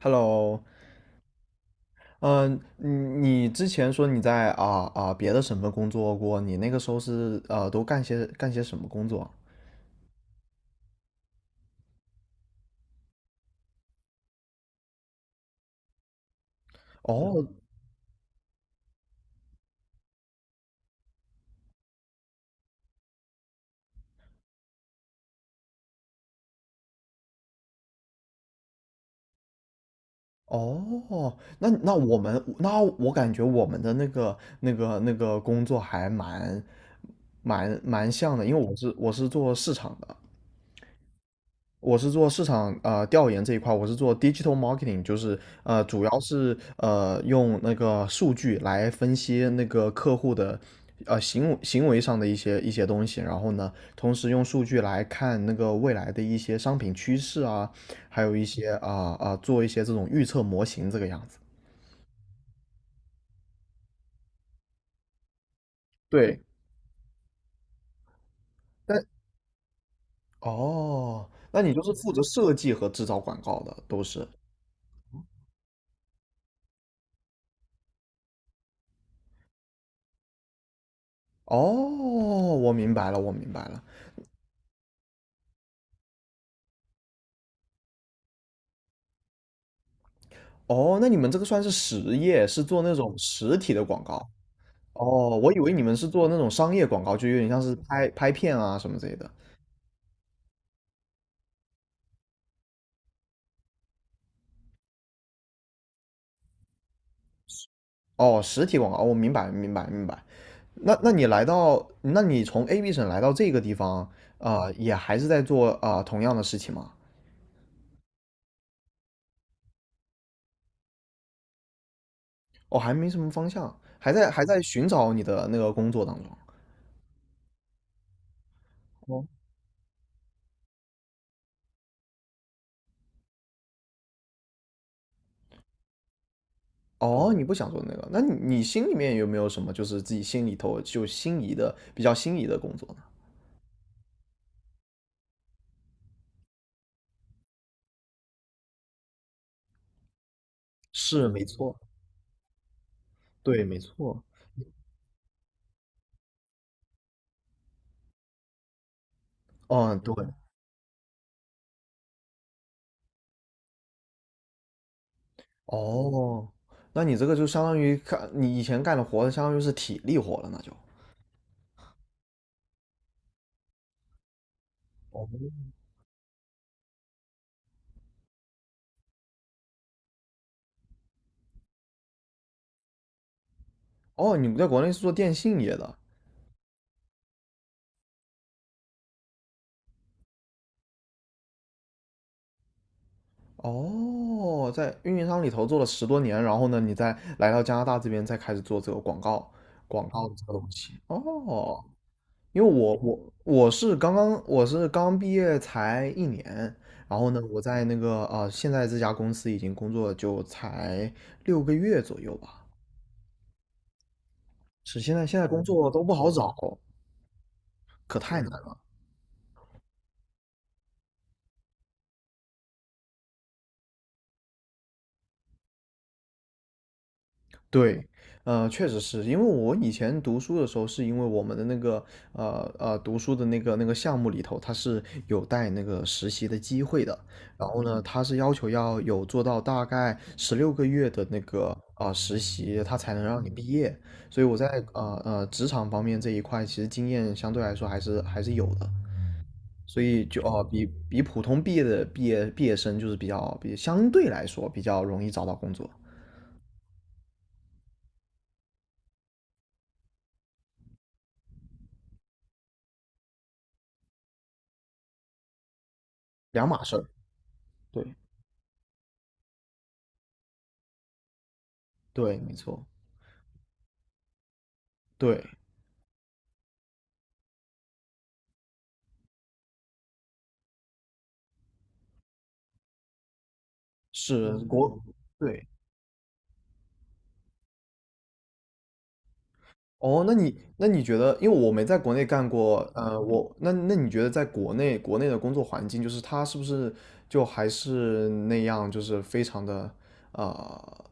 Hello，嗯，你之前说你在别的省份工作过，你那个时候是都干些什么工作？哦哦，那那我们那我感觉我们的那个工作还蛮像的，因为我是做市场的。我是做市场啊、调研这一块，我是做 digital marketing，就是主要是用那个数据来分析那个客户的行为上的一些东西，然后呢，同时用数据来看那个未来的一些商品趋势啊，还有一些做一些这种预测模型这个样子。对，但哦，那你就是负责设计和制造广告的，都是。哦，我明白了，我明白了。哦，那你们这个算是实业，是做那种实体的广告。哦，我以为你们是做那种商业广告，就有点像是拍拍片啊什么之类的。哦，实体广告，哦我、明白，明白，明白。那你从 AB 省来到这个地方，啊、也还是在做啊、同样的事情吗？哦，还没什么方向，还在寻找你的那个工作当中。哦，哦，你不想做那个，那你心里面有没有什么就是自己心里头就心仪的比较心仪的工作呢？是，没错。对，没错。哦，对，哦，那你这个就相当于干你以前干的活，相当于是体力活了，那就。哦，哦，你在国内是做电信业的。哦，在运营商里头做了10多年，然后呢，你再来到加拿大这边，再开始做这个广告，广告的这个东西。哦，因为我是刚毕业才1年，然后呢，我在那个现在这家公司已经工作就才六个月左右吧，是现在工作都不好找，可太难了。对，确实是因为我以前读书的时候，是因为我们的那个读书的那个项目里头，它是有带那个实习的机会的。然后呢，它是要求要有做到大概16个月的那个啊、实习，它才能让你毕业。所以我在职场方面这一块，其实经验相对来说还是有的。所以哦，比普通毕业的毕业毕业生就是比较比相对来说比较容易找到工作，两码事儿。对对，没错，对是国对哦。那你觉得，因为我没在国内干过，我那那你觉得在国内的工作环境，就是它是不是就还是那样，就是非常的呃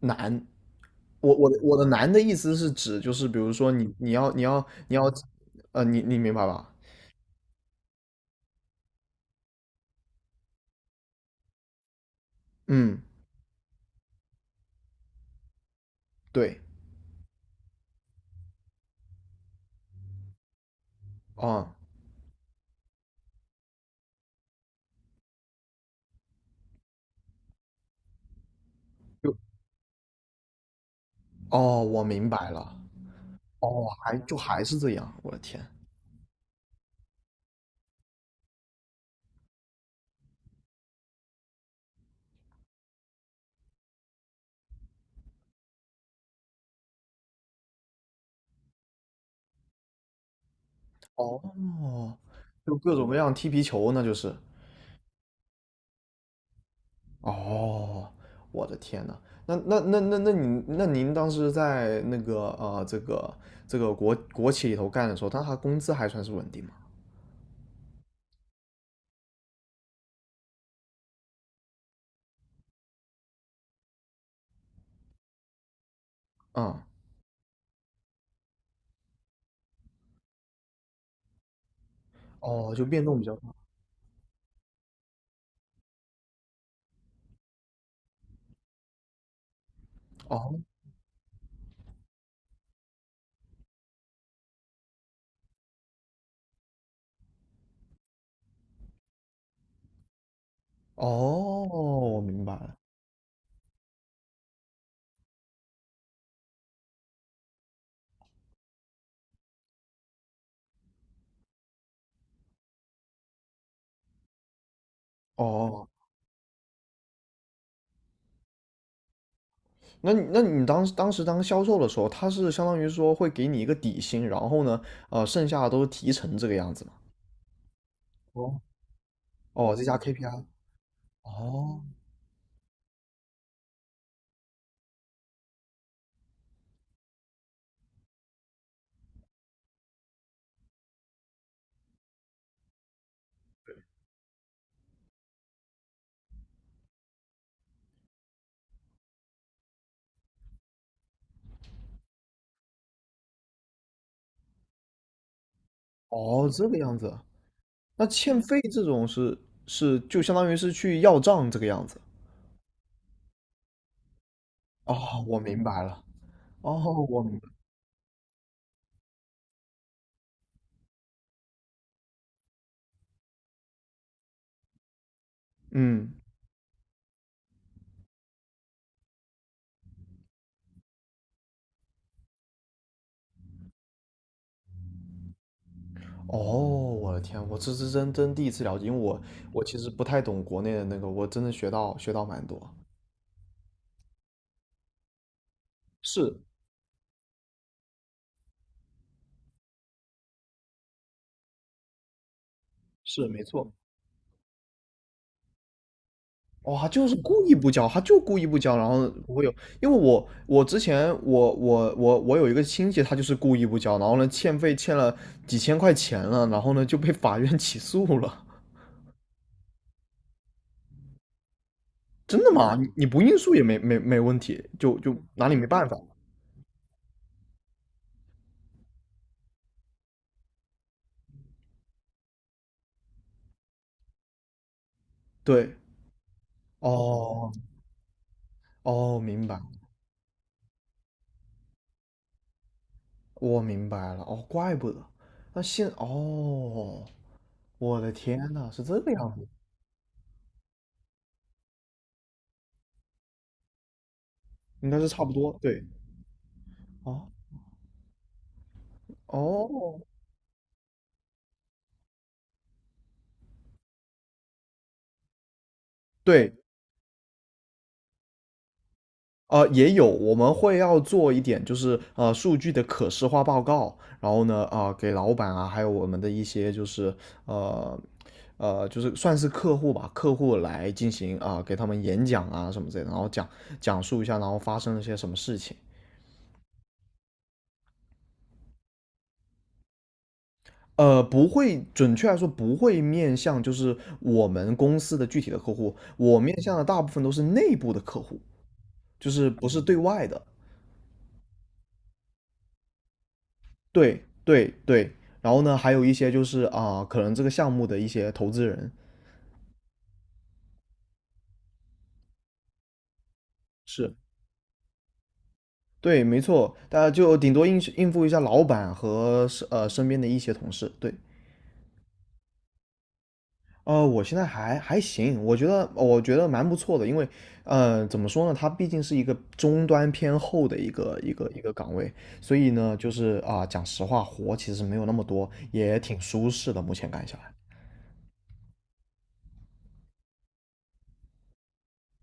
难？我的难的意思是指就是比如说你要你明白吧？嗯，对，啊，就哦，我明白了，哦，就还是这样，我的天，哦，就各种各样踢皮球，那就是。哦，我的天呐，那您当时在这个国企里头干的时候，那他工资还算是稳定吗？嗯，哦，就变动比较大，哦哦，我明白了，哦。那你当时当销售的时候，他是相当于说会给你一个底薪，然后呢，剩下的都是提成这个样子嘛？哦，哦，再加 KPI。哦哦，这个样子。那欠费这种是就相当于是去要账这个样子。哦，我明白了。哦，我明白。嗯，哦，我的天，我这是真第一次了解，因为我其实不太懂国内的那个，我真的学到蛮多。是是，没错。哦，他就是故意不交，他就故意不交，然后不会有，因为我我之前我我我我有一个亲戚，他就是故意不交，然后呢欠费欠了几千块钱了，然后呢就被法院 起诉了。真的吗？你不应诉也没问题，就拿你没办法。对，哦哦，明白，我明白了，哦，怪不得，哦，我的天呐，是这个样子，应该是差不多，对，哦哦，对。也有，我们会要做一点，就是数据的可视化报告，然后呢，啊、给老板啊，还有我们的一些就是呃就是算是客户吧，客户来进行啊、给他们演讲啊什么之类的，然后讲述一下，然后发生了些什么事情。不会，准确来说不会面向就是我们公司的具体的客户，我面向的大部分都是内部的客户，就是不是对外的。对对对，然后呢，还有一些就是啊，可能这个项目的一些投资人，是，对，没错，大家就顶多应付一下老板和身边的一些同事。对，我现在还行，我觉得蛮不错的，因为怎么说呢，它毕竟是一个终端偏后的一个岗位，所以呢，就是啊、讲实话，活其实没有那么多，也挺舒适的，目前干下来。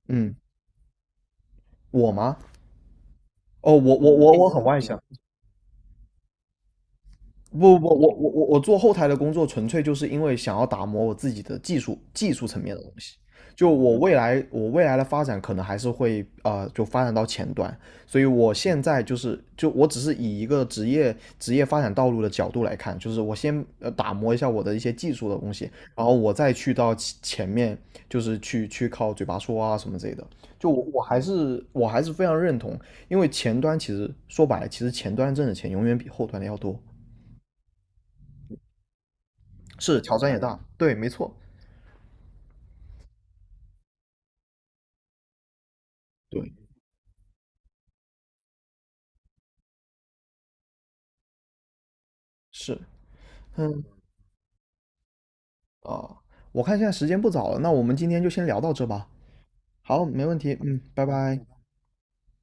嗯，我吗？哦，我很外向。不不，不，我做后台的工作，纯粹就是因为想要打磨我自己的技术层面的东西。就我未来的发展，可能还是会就发展到前端。所以我现在就我只是以一个职业发展道路的角度来看，就是我先打磨一下我的一些技术的东西，然后我再去到其前面，就是去靠嘴巴说啊什么之类的。就我还是非常认同，因为前端其实说白了，其实前端挣的钱永远比后端的要多。是挑战也大，对，没错，对，是，嗯，啊，我看现在时间不早了，那我们今天就先聊到这吧。好，没问题，嗯，拜拜。